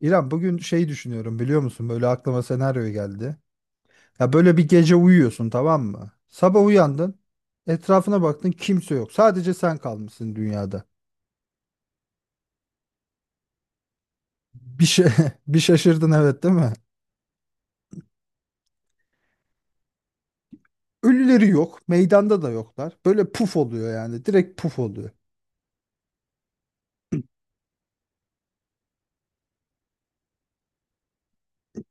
İrem bugün şey düşünüyorum biliyor musun? Böyle aklıma senaryo geldi. Ya böyle bir gece uyuyorsun tamam mı? Sabah uyandın. Etrafına baktın kimse yok. Sadece sen kalmışsın dünyada. Bir şey bir şaşırdın evet değil mi? Ölüleri yok. Meydanda da yoklar. Böyle puf oluyor yani. Direkt puf oluyor.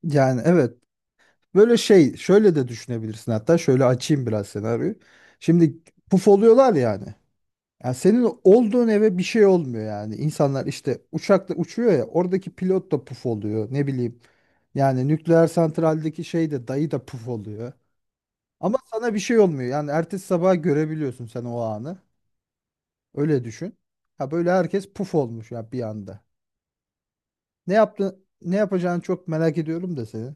Yani evet. Böyle şey şöyle de düşünebilirsin hatta şöyle açayım biraz senaryoyu. Şimdi puf oluyorlar yani. Yani senin olduğun eve bir şey olmuyor yani. İnsanlar işte uçakla uçuyor ya oradaki pilot da puf oluyor ne bileyim. Yani nükleer santraldeki şey de dayı da puf oluyor. Ama sana bir şey olmuyor. Yani ertesi sabah görebiliyorsun sen o anı. Öyle düşün. Ha böyle herkes puf olmuş ya bir anda. Ne yaptın? Ne yapacağını çok merak ediyorum da seni.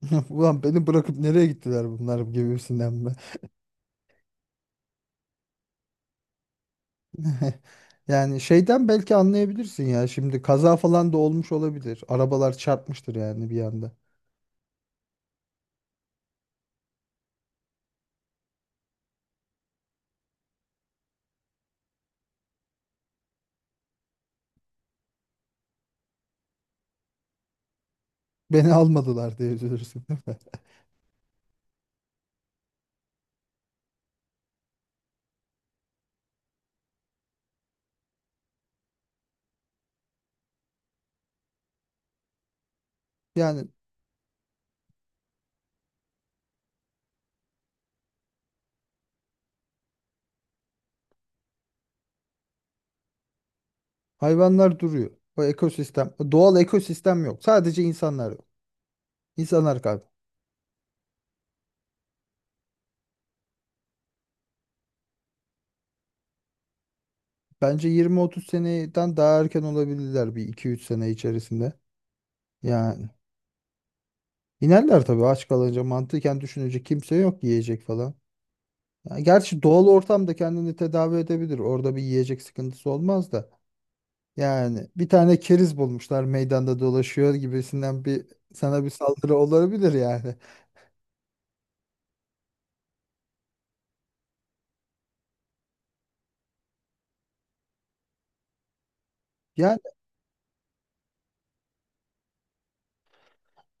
Ulan beni bırakıp nereye gittiler bunlar gibisinden. Yani şeyden belki anlayabilirsin ya. Şimdi kaza falan da olmuş olabilir. Arabalar çarpmıştır yani bir anda. Beni almadılar diye üzülürsün değil mi? Yani hayvanlar duruyor. O ekosistem, doğal ekosistem yok. Sadece insanlar yok. İnsanlar kaldı. Bence 20-30 seneden daha erken olabilirler, bir iki üç sene içerisinde. Yani inerler tabii aç kalınca, mantıken düşünecek kimse yok, yiyecek falan. Yani gerçi doğal ortamda kendini tedavi edebilir. Orada bir yiyecek sıkıntısı olmaz da. Yani bir tane keriz bulmuşlar meydanda dolaşıyor gibisinden bir sana bir saldırı olabilir yani. Yani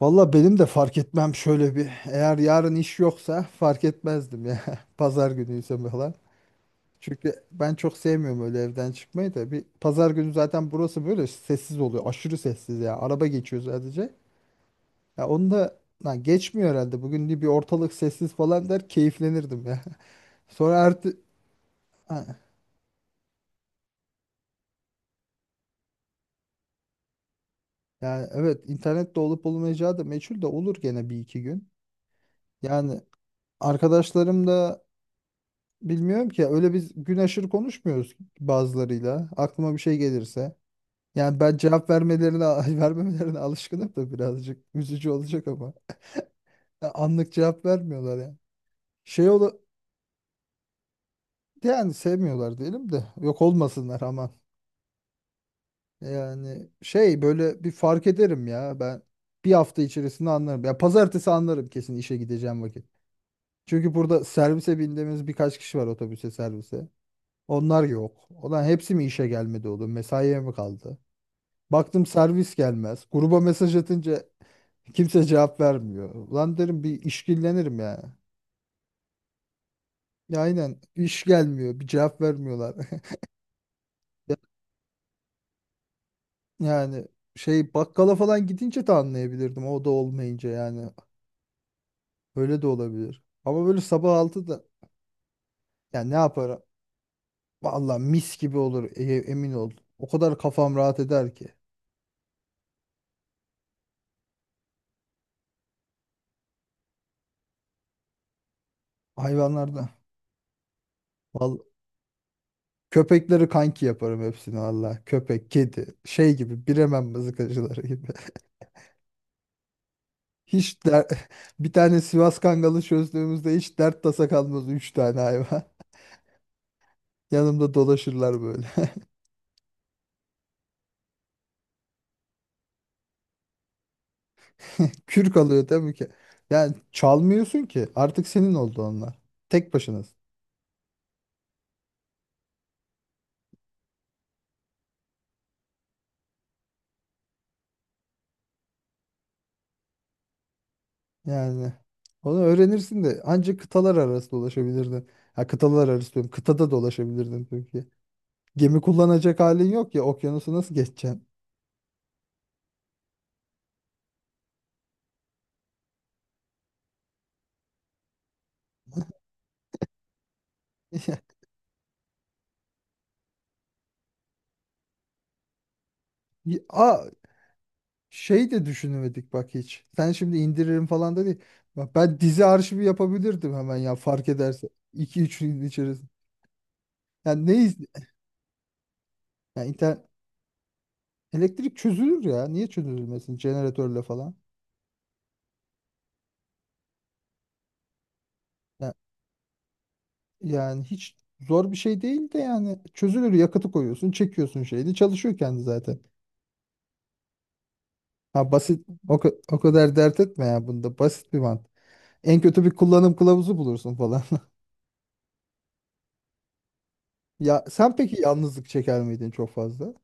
valla benim de fark etmem şöyle bir, eğer yarın iş yoksa fark etmezdim ya. Pazar günüyse falan. Çünkü ben çok sevmiyorum öyle evden çıkmayı da. Bir pazar günü zaten burası böyle sessiz oluyor. Aşırı sessiz ya. Araba geçiyor sadece. Ya onu da lan geçmiyor herhalde. Bugün de bir ortalık sessiz falan der, keyiflenirdim ya. Sonra artık. Yani evet, internet de olup olmayacağı da meçhul, de olur gene bir iki gün. Yani arkadaşlarım da bilmiyorum ki, öyle biz gün aşırı konuşmuyoruz bazılarıyla. Aklıma bir şey gelirse. Yani ben cevap vermelerine vermemelerine alışkınım da birazcık üzücü olacak ama. Ya anlık cevap vermiyorlar ya. Şey ola yani sevmiyorlar diyelim de yok olmasınlar aman. Yani şey böyle bir fark ederim ya ben, bir hafta içerisinde anlarım. Ya pazartesi anlarım kesin, işe gideceğim vakit. Çünkü burada servise bindiğimiz birkaç kişi var, otobüse, servise. Onlar yok. Olan hepsi mi işe gelmedi oğlum? Mesaiye mi kaldı? Baktım servis gelmez. Gruba mesaj atınca kimse cevap vermiyor. Ulan derim, bir işkillenirim ya. Ya aynen iş gelmiyor. Bir cevap vermiyorlar. Ya- Yani şey bakkala falan gidince de anlayabilirdim. O da olmayınca yani. Öyle de olabilir. Ama böyle sabah 6'da ya ne yaparım? Vallahi mis gibi olur, emin ol. O kadar kafam rahat eder ki. Hayvanlarda. Vallahi köpekleri kanki yaparım hepsini valla. Köpek, kedi, şey gibi, Bremen mızıkacıları gibi. Hiç der... bir tane Sivas Kangalı çözdüğümüzde hiç dert tasa kalmaz, 3 tane hayvan. Yanımda dolaşırlar böyle. Kürk alıyor değil mi ki? Yani çalmıyorsun ki. Artık senin oldu onlar. Tek başınız. Yani onu öğrenirsin de ancak kıtalar arası dolaşabilirdin. Ha, kıtalar arası diyorum. Kıtada dolaşabilirdin çünkü gemi kullanacak halin yok ya, okyanusu nasıl geçeceksin? Ya- Aa, şey de düşünemedik bak hiç. Sen şimdi indiririm falan da değil. Bak ben dizi arşivi yapabilirdim hemen ya, fark ederse iki üç gün içerisinde. Yani ne iz ya inter- elektrik çözülür ya. Niye çözülmesin jeneratörle falan? Ya, yani hiç zor bir şey değil de, yani çözülür. Yakıtı koyuyorsun, çekiyorsun şeyini, çalışıyor kendi zaten. Ha, basit o, o kadar dert etme ya, bunda basit bir mantık. En kötü bir kullanım kılavuzu bulursun falan. Ya sen peki yalnızlık çeker miydin çok fazla?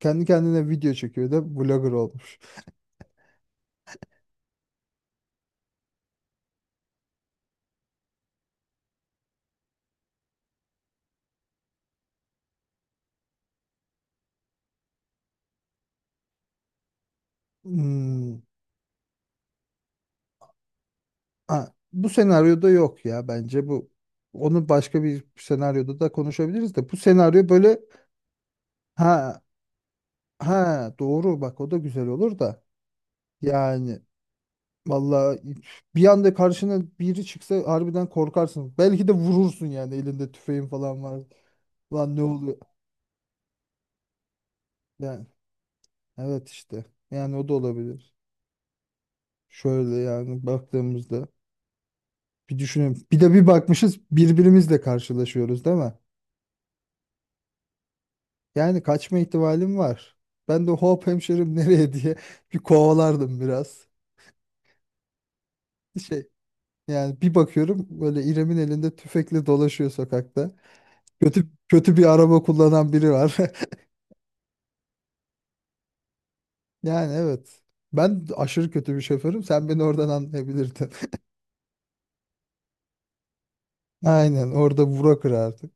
Kendi kendine video çekiyor da vlogger olmuş. Hmm. Ha, bu senaryoda yok ya bence bu. Onu başka bir senaryoda da konuşabiliriz de. Bu senaryo böyle. Ha ha, doğru bak, o da güzel olur da. Yani vallahi bir anda karşına biri çıksa harbiden korkarsın. Belki de vurursun yani, elinde tüfeğin falan var. Lan ne oluyor? Yani evet işte. Yani o da olabilir. Şöyle yani baktığımızda. Bir düşünün. Bir de bir bakmışız birbirimizle karşılaşıyoruz değil mi? Yani kaçma ihtimalim var. Ben de hop hemşerim nereye diye bir kovalardım biraz. Şey, yani bir bakıyorum böyle, İrem'in elinde tüfekle dolaşıyor sokakta. Kötü kötü bir araba kullanan biri var. Yani evet. Ben aşırı kötü bir şoförüm. Sen beni oradan anlayabilirdin. Aynen, orada vura kırardık.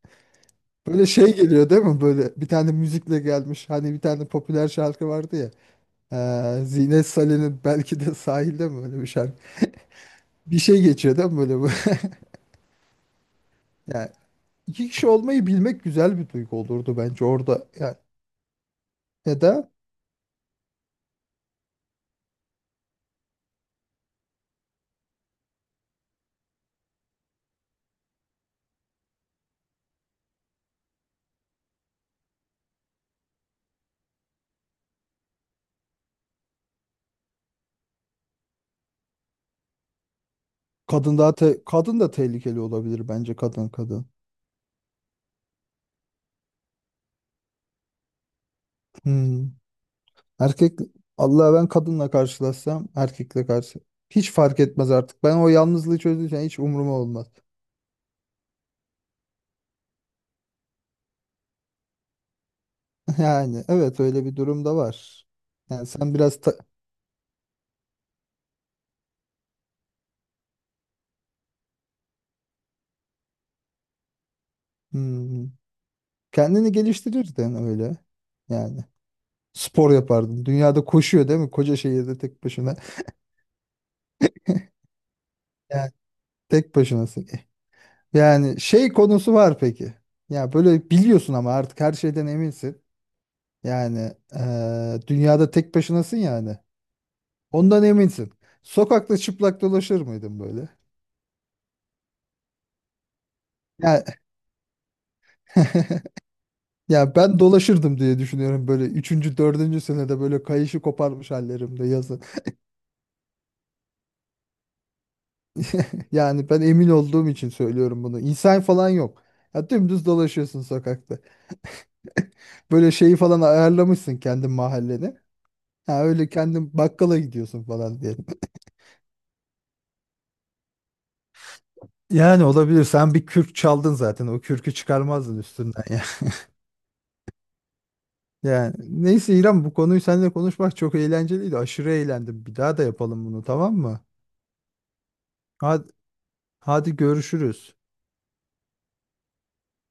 Böyle şey geliyor değil mi? Böyle bir tane müzikle gelmiş. Hani bir tane popüler şarkı vardı ya. Zine Salih'in belki de sahilde mi, öyle bir şarkı? Bir şey geçiyor değil mi böyle bu? Yani iki kişi olmayı bilmek güzel bir duygu olurdu bence orada. Yani ya da kadın daha kadın da tehlikeli olabilir bence, kadın kadın. Hmm. Erkek Allah, ben kadınla karşılaşsam, erkekle karşı hiç fark etmez artık. Ben o yalnızlığı çözdüğüm, hiç umuruma olmaz. Yani evet, öyle bir durum da var. Yani sen biraz Hmm. Kendini geliştirirdin öyle yani. Spor yapardın. Dünyada koşuyor değil mi? Koca şehirde tek başına. Yani tek başınasın. Yani şey konusu var peki. Ya böyle biliyorsun ama artık her şeyden eminsin. Yani dünyada tek başınasın yani. Ondan eminsin. Sokakta çıplak dolaşır mıydın böyle? Ya, ya ben dolaşırdım diye düşünüyorum böyle, 3. 4. senede böyle kayışı koparmış hallerimde, yazın. Yani ben emin olduğum için söylüyorum bunu. İnsan falan yok. Ya dümdüz dolaşıyorsun sokakta. Böyle şeyi falan ayarlamışsın, kendi mahalleni. Ha, öyle kendin bakkala gidiyorsun falan diyelim. Yani olabilir. Sen bir kürk çaldın zaten. O kürkü çıkarmazdın üstünden ya. Yani neyse İrem, bu konuyu seninle konuşmak çok eğlenceliydi. Aşırı eğlendim. Bir daha da yapalım bunu, tamam mı? Hadi, hadi görüşürüz.